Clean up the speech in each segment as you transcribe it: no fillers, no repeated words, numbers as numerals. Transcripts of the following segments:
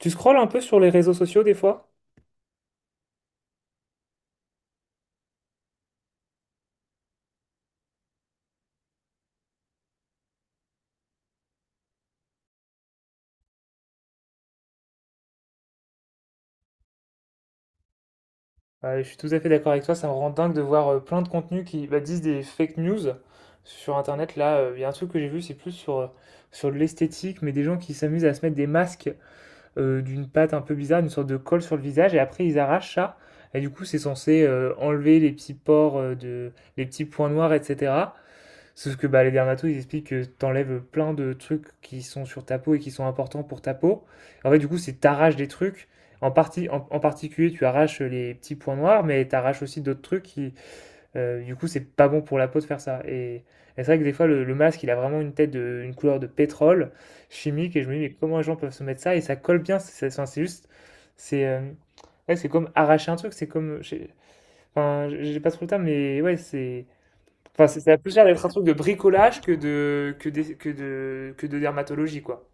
Tu scrolles un peu sur les réseaux sociaux des fois? Ouais, je suis tout à fait d'accord avec toi, ça me rend dingue de voir plein de contenus qui bah, disent des fake news sur Internet. Là, il y a un truc que j'ai vu, c'est plus sur l'esthétique, mais des gens qui s'amusent à se mettre des masques d'une pâte un peu bizarre, une sorte de colle sur le visage, et après ils arrachent ça. Et du coup, c'est censé enlever les petits pores, de, les petits points noirs, etc. Sauf que bah, les dermatos, ils expliquent que t'enlèves plein de trucs qui sont sur ta peau et qui sont importants pour ta peau. En fait, du coup, c'est t'arraches des trucs. En particulier, tu arraches les petits points noirs, mais t'arraches aussi d'autres trucs qui, du coup, c'est pas bon pour la peau de faire ça. Et c'est vrai que des fois, le masque, il a vraiment une une couleur de pétrole chimique, et je me dis, mais comment les gens peuvent se mettre ça? Et ça colle bien, enfin, c'est juste, c'est ouais, c'est comme arracher un truc, c'est comme, je enfin, j'ai pas trop le temps, mais ouais, c'est. Enfin, ça a plus l'air d'être un truc de bricolage que de, que de dermatologie, quoi.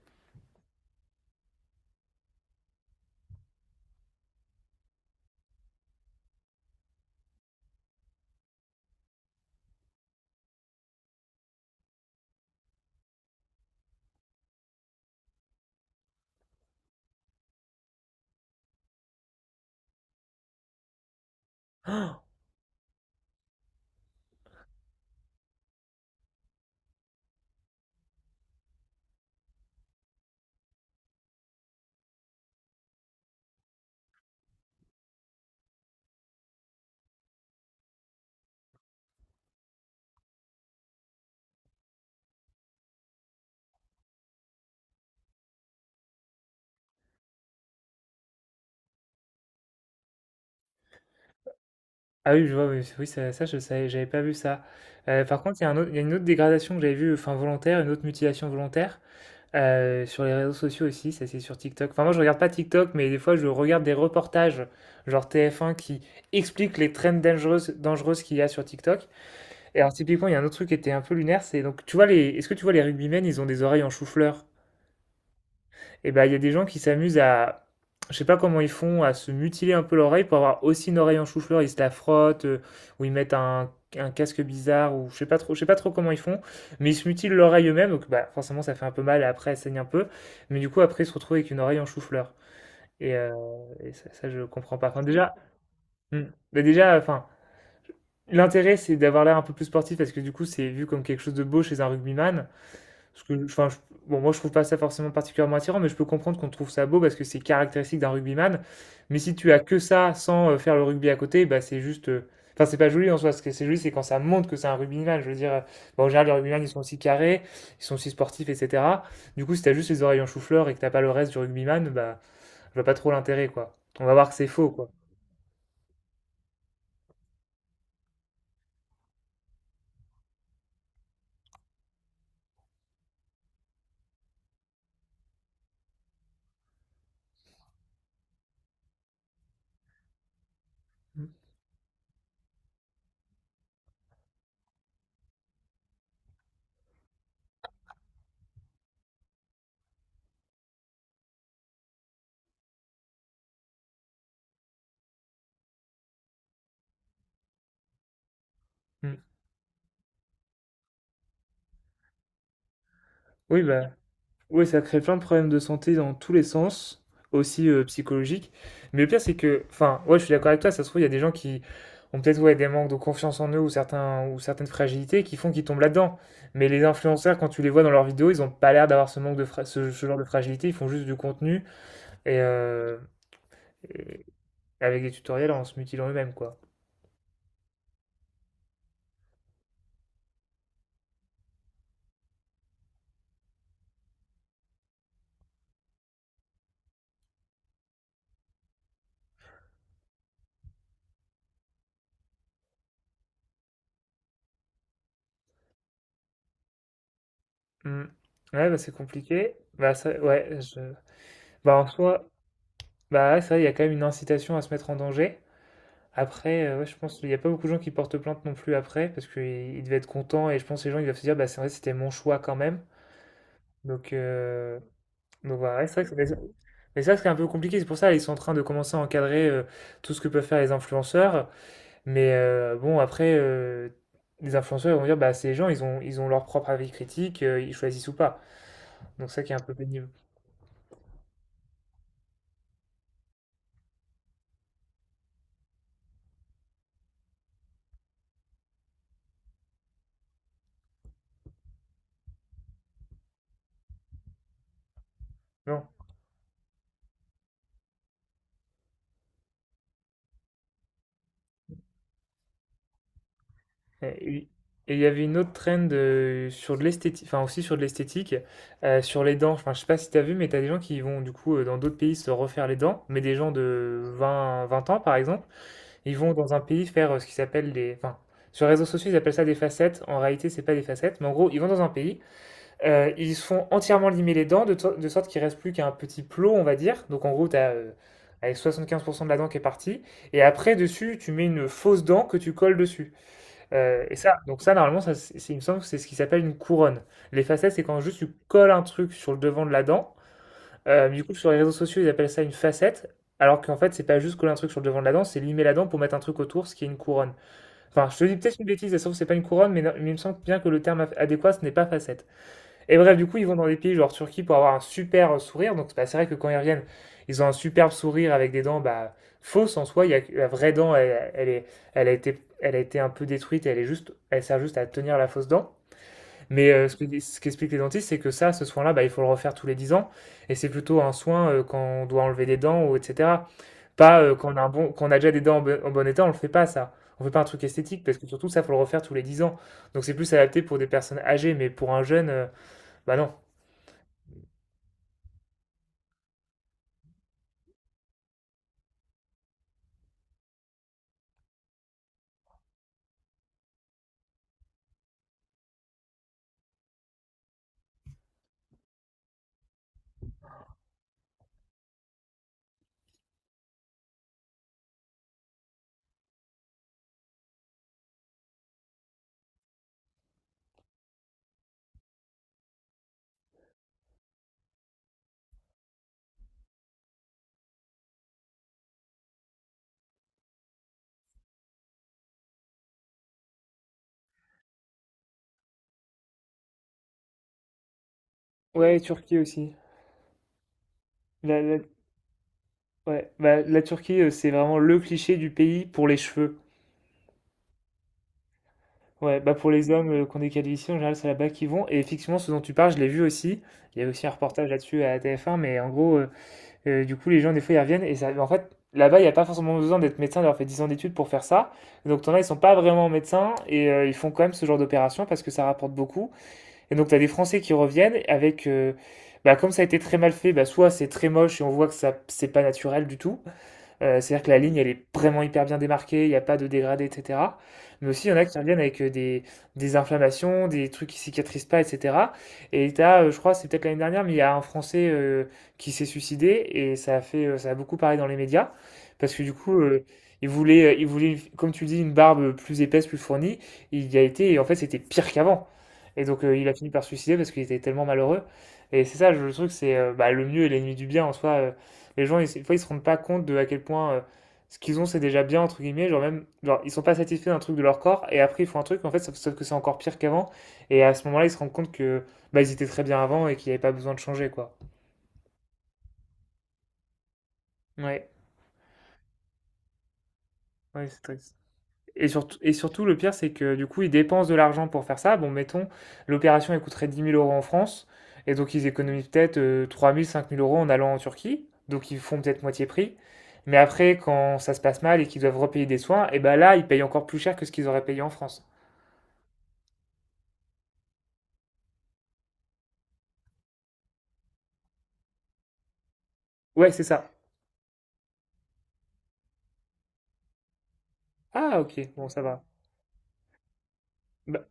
Ah oui, je vois, oui, oui, ça, je savais, j'avais pas vu ça. Par contre, il y a il y a une autre dégradation que j'avais vue, enfin volontaire, une autre mutilation volontaire, sur les réseaux sociaux aussi, ça c'est sur TikTok. Enfin, moi je regarde pas TikTok, mais des fois je regarde des reportages, genre TF1, qui expliquent les trends dangereuses qu'il y a sur TikTok. Et alors, typiquement, il y a un autre truc qui était un peu lunaire, c'est donc, tu vois, est-ce que tu vois les rugbymen, ils ont des oreilles en chou-fleur? Et ben, il y a des gens qui s'amusent à, je sais pas comment ils font, à se mutiler un peu l'oreille pour avoir aussi une oreille en chou-fleur. Ils se la frottent, ou ils mettent un casque bizarre, ou je sais pas trop comment ils font, mais ils se mutilent l'oreille eux-mêmes, donc bah, forcément ça fait un peu mal et après elle saigne un peu. Mais du coup, après, ils se retrouvent avec une oreille en chou-fleur. Et, euh, et ça, je comprends pas. Enfin, déjà, hmm, bah, déjà, enfin. L'intérêt, c'est d'avoir l'air un peu plus sportif parce que du coup, c'est vu comme quelque chose de beau chez un rugbyman. Parce que, enfin, bon, moi je trouve pas ça forcément particulièrement attirant, mais je peux comprendre qu'on trouve ça beau parce que c'est caractéristique d'un rugbyman. Mais si tu as que ça sans faire le rugby à côté, bah c'est juste. Enfin, c'est pas joli en soi. Ce que c'est joli, c'est quand ça montre que c'est un rugbyman. Je veux dire, bon, en général, les rugbyman ils sont aussi carrés, ils sont aussi sportifs, etc. Du coup, si t'as juste les oreilles en chou-fleur et que t'as pas le reste du rugbyman, bah, je vois pas trop l'intérêt, quoi. On va voir que c'est faux, quoi. Mm. Oui, bah. Oui, ça crée plein de problèmes de santé dans tous les sens, aussi psychologiques. Mais le pire, c'est que, enfin, ouais, je suis d'accord avec toi, ça se trouve, il y a des gens qui ont peut-être ouais, des manques de confiance en eux ou certaines fragilités qui font qu'ils tombent là-dedans. Mais les influenceurs, quand tu les vois dans leurs vidéos, ils n'ont pas l'air d'avoir ce manque de ce genre de fragilité, ils font juste du contenu et, euh, et avec des tutoriels en se mutilant eux-mêmes, quoi. Hmm. Ouais, bah, c'est compliqué. Bah, ça, ouais, bah, en soi, bah, ouais, c'est vrai, il y a quand même une incitation à se mettre en danger. Après, ouais, je pense qu'il n'y a pas beaucoup de gens qui portent plainte non plus après, parce qu'ils devaient être contents, et je pense que les gens ils doivent se dire, bah, c'est vrai, c'était mon choix quand même. Donc, euh, donc voilà, ouais, c'est vrai que mais ça, c'est un peu compliqué, c'est pour ça ils sont en train de commencer à encadrer tout ce que peuvent faire les influenceurs. Mais bon, après, les influenceurs ils vont dire, bah, ces gens, ils ont leur propre avis critique, ils choisissent ou pas. Donc ça qui est un peu pénible. Euh, Et et il y avait une autre trend sur de l'esthétique, enfin aussi sur de l'esthétique, sur les dents. Enfin, je sais pas si t'as vu, mais t'as des gens qui vont du coup dans d'autres pays se refaire les dents, mais des gens de vingt ans par exemple, ils vont dans un pays faire ce qui s'appelle des. Enfin, sur les réseaux sociaux, ils appellent ça des facettes. En réalité, c'est pas des facettes, mais en gros, ils vont dans un pays, ils se font entièrement limer les dents de sorte qu'il reste plus qu'un petit plot, on va dire. Donc en gros, t'as. Avec 75% de la dent qui est partie, et après dessus, tu mets une fausse dent que tu colles dessus. Et ça, donc ça, normalement, ça, il me semble que c'est ce qui s'appelle une couronne. Les facettes, c'est quand juste tu colles un truc sur le devant de la dent. Du coup, sur les réseaux sociaux, ils appellent ça une facette. Alors qu'en fait, c'est pas juste coller un truc sur le devant de la dent, c'est limer la dent pour mettre un truc autour, ce qui est une couronne. Enfin, je te dis peut-être une bêtise, sauf que c'est pas une couronne, mais, non- mais il me semble bien que le terme adéquat, ce n'est pas facette. Et bref, du coup, ils vont dans des pays genre Turquie pour avoir un super sourire. Donc, bah, c'est vrai que quand ils reviennent, ils ont un superbe sourire avec des dents bah, fausses en soi. Que la vraie dent, elle a été un peu détruite. Elle sert juste à tenir la fausse dent. Mais ce qu'expliquent les dentistes, c'est que ça, ce soin-là, bah, il faut le refaire tous les 10 ans. Et c'est plutôt un soin quand on doit enlever des dents ou etc. Pas quand on a quand on a déjà des dents en bon état, on le fait pas ça. On fait pas un truc esthétique parce que surtout ça, faut le refaire tous les 10 ans. Donc c'est plus adapté pour des personnes âgées, mais pour un jeune, bah non. Ouais, Turquie aussi. La, la- ouais. Bah, la Turquie, c'est vraiment le cliché du pays pour les cheveux. Ouais, bah pour les hommes qu'on est calvitie, en général, c'est là-bas qu'ils vont. Et effectivement, ce dont tu parles, je l'ai vu aussi. Il y a aussi un reportage là-dessus à TF1, mais en gros, du coup, les gens, des fois, ils reviennent. Et ça, en fait, là-bas, il n'y a pas forcément besoin d'être médecin, d'avoir fait 10 ans d'études pour faire ça. Donc, t'en as, ils sont pas vraiment médecins et ils font quand même ce genre d'opération parce que ça rapporte beaucoup. Et donc, tu as des Français qui reviennent avec. Bah, comme ça a été très mal fait, bah, soit c'est très moche et on voit que ça, c'est pas naturel du tout. C'est-à-dire que la ligne, elle est vraiment hyper bien démarquée, il n'y a pas de dégradé, etc. Mais aussi, il y en a qui reviennent avec des inflammations, des trucs qui cicatrisent pas, etc. Et je crois, c'est peut-être l'année dernière, mais il y a un Français qui s'est suicidé et ça a ça a beaucoup parlé dans les médias parce que du coup, il voulait, comme tu dis, une barbe plus épaisse, plus fournie. Il y a été et en fait, c'était pire qu'avant. Et donc, il a fini par se suicider parce qu'il était tellement malheureux. Et c'est ça, le truc, c'est bah, le mieux est l'ennemi du bien en soi. Les gens, ils, des fois, ils se rendent pas compte de à quel point ce qu'ils ont, c'est déjà bien, entre guillemets. Genre, même, genre, ils sont pas satisfaits d'un truc de leur corps, et après, ils font un truc, en fait, sauf que c'est encore pire qu'avant. Et à ce moment-là, ils se rendent compte que, bah, ils étaient très bien avant et qu'il n'y avait pas besoin de changer, quoi. Ouais, ouais, c'est triste. Et surtout, le pire, c'est que du coup, ils dépensent de l'argent pour faire ça. Bon, mettons, l'opération, elle coûterait 10 000 € en France. Et donc, ils économisent peut-être 3 000, 5 000 euros en allant en Turquie. Donc, ils font peut-être moitié prix. Mais après, quand ça se passe mal et qu'ils doivent repayer des soins, et ben là, ils payent encore plus cher que ce qu'ils auraient payé en France. Ouais, c'est ça. Ah, ok, bon, ça va. Bah,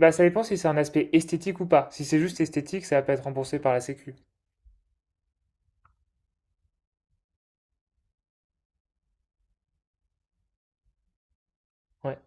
bah, ça dépend si c'est un aspect esthétique ou pas. Si c'est juste esthétique, ça va pas être remboursé par la Sécu. Ouais.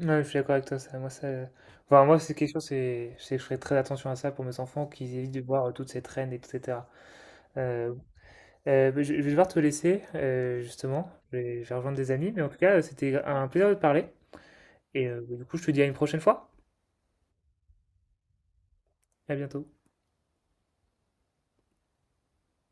Ouais, je suis d'accord avec toi, ça, moi, ça, enfin, moi, c'est quelque chose, c'est que je ferai très attention à ça pour mes enfants, qu'ils évitent de voir toutes ces traînes, etc. Euh, bah, je vais devoir te laisser, justement, je vais rejoindre des amis, mais en tout cas, c'était un plaisir de te parler, et bah, du coup, je te dis à une prochaine fois, à bientôt.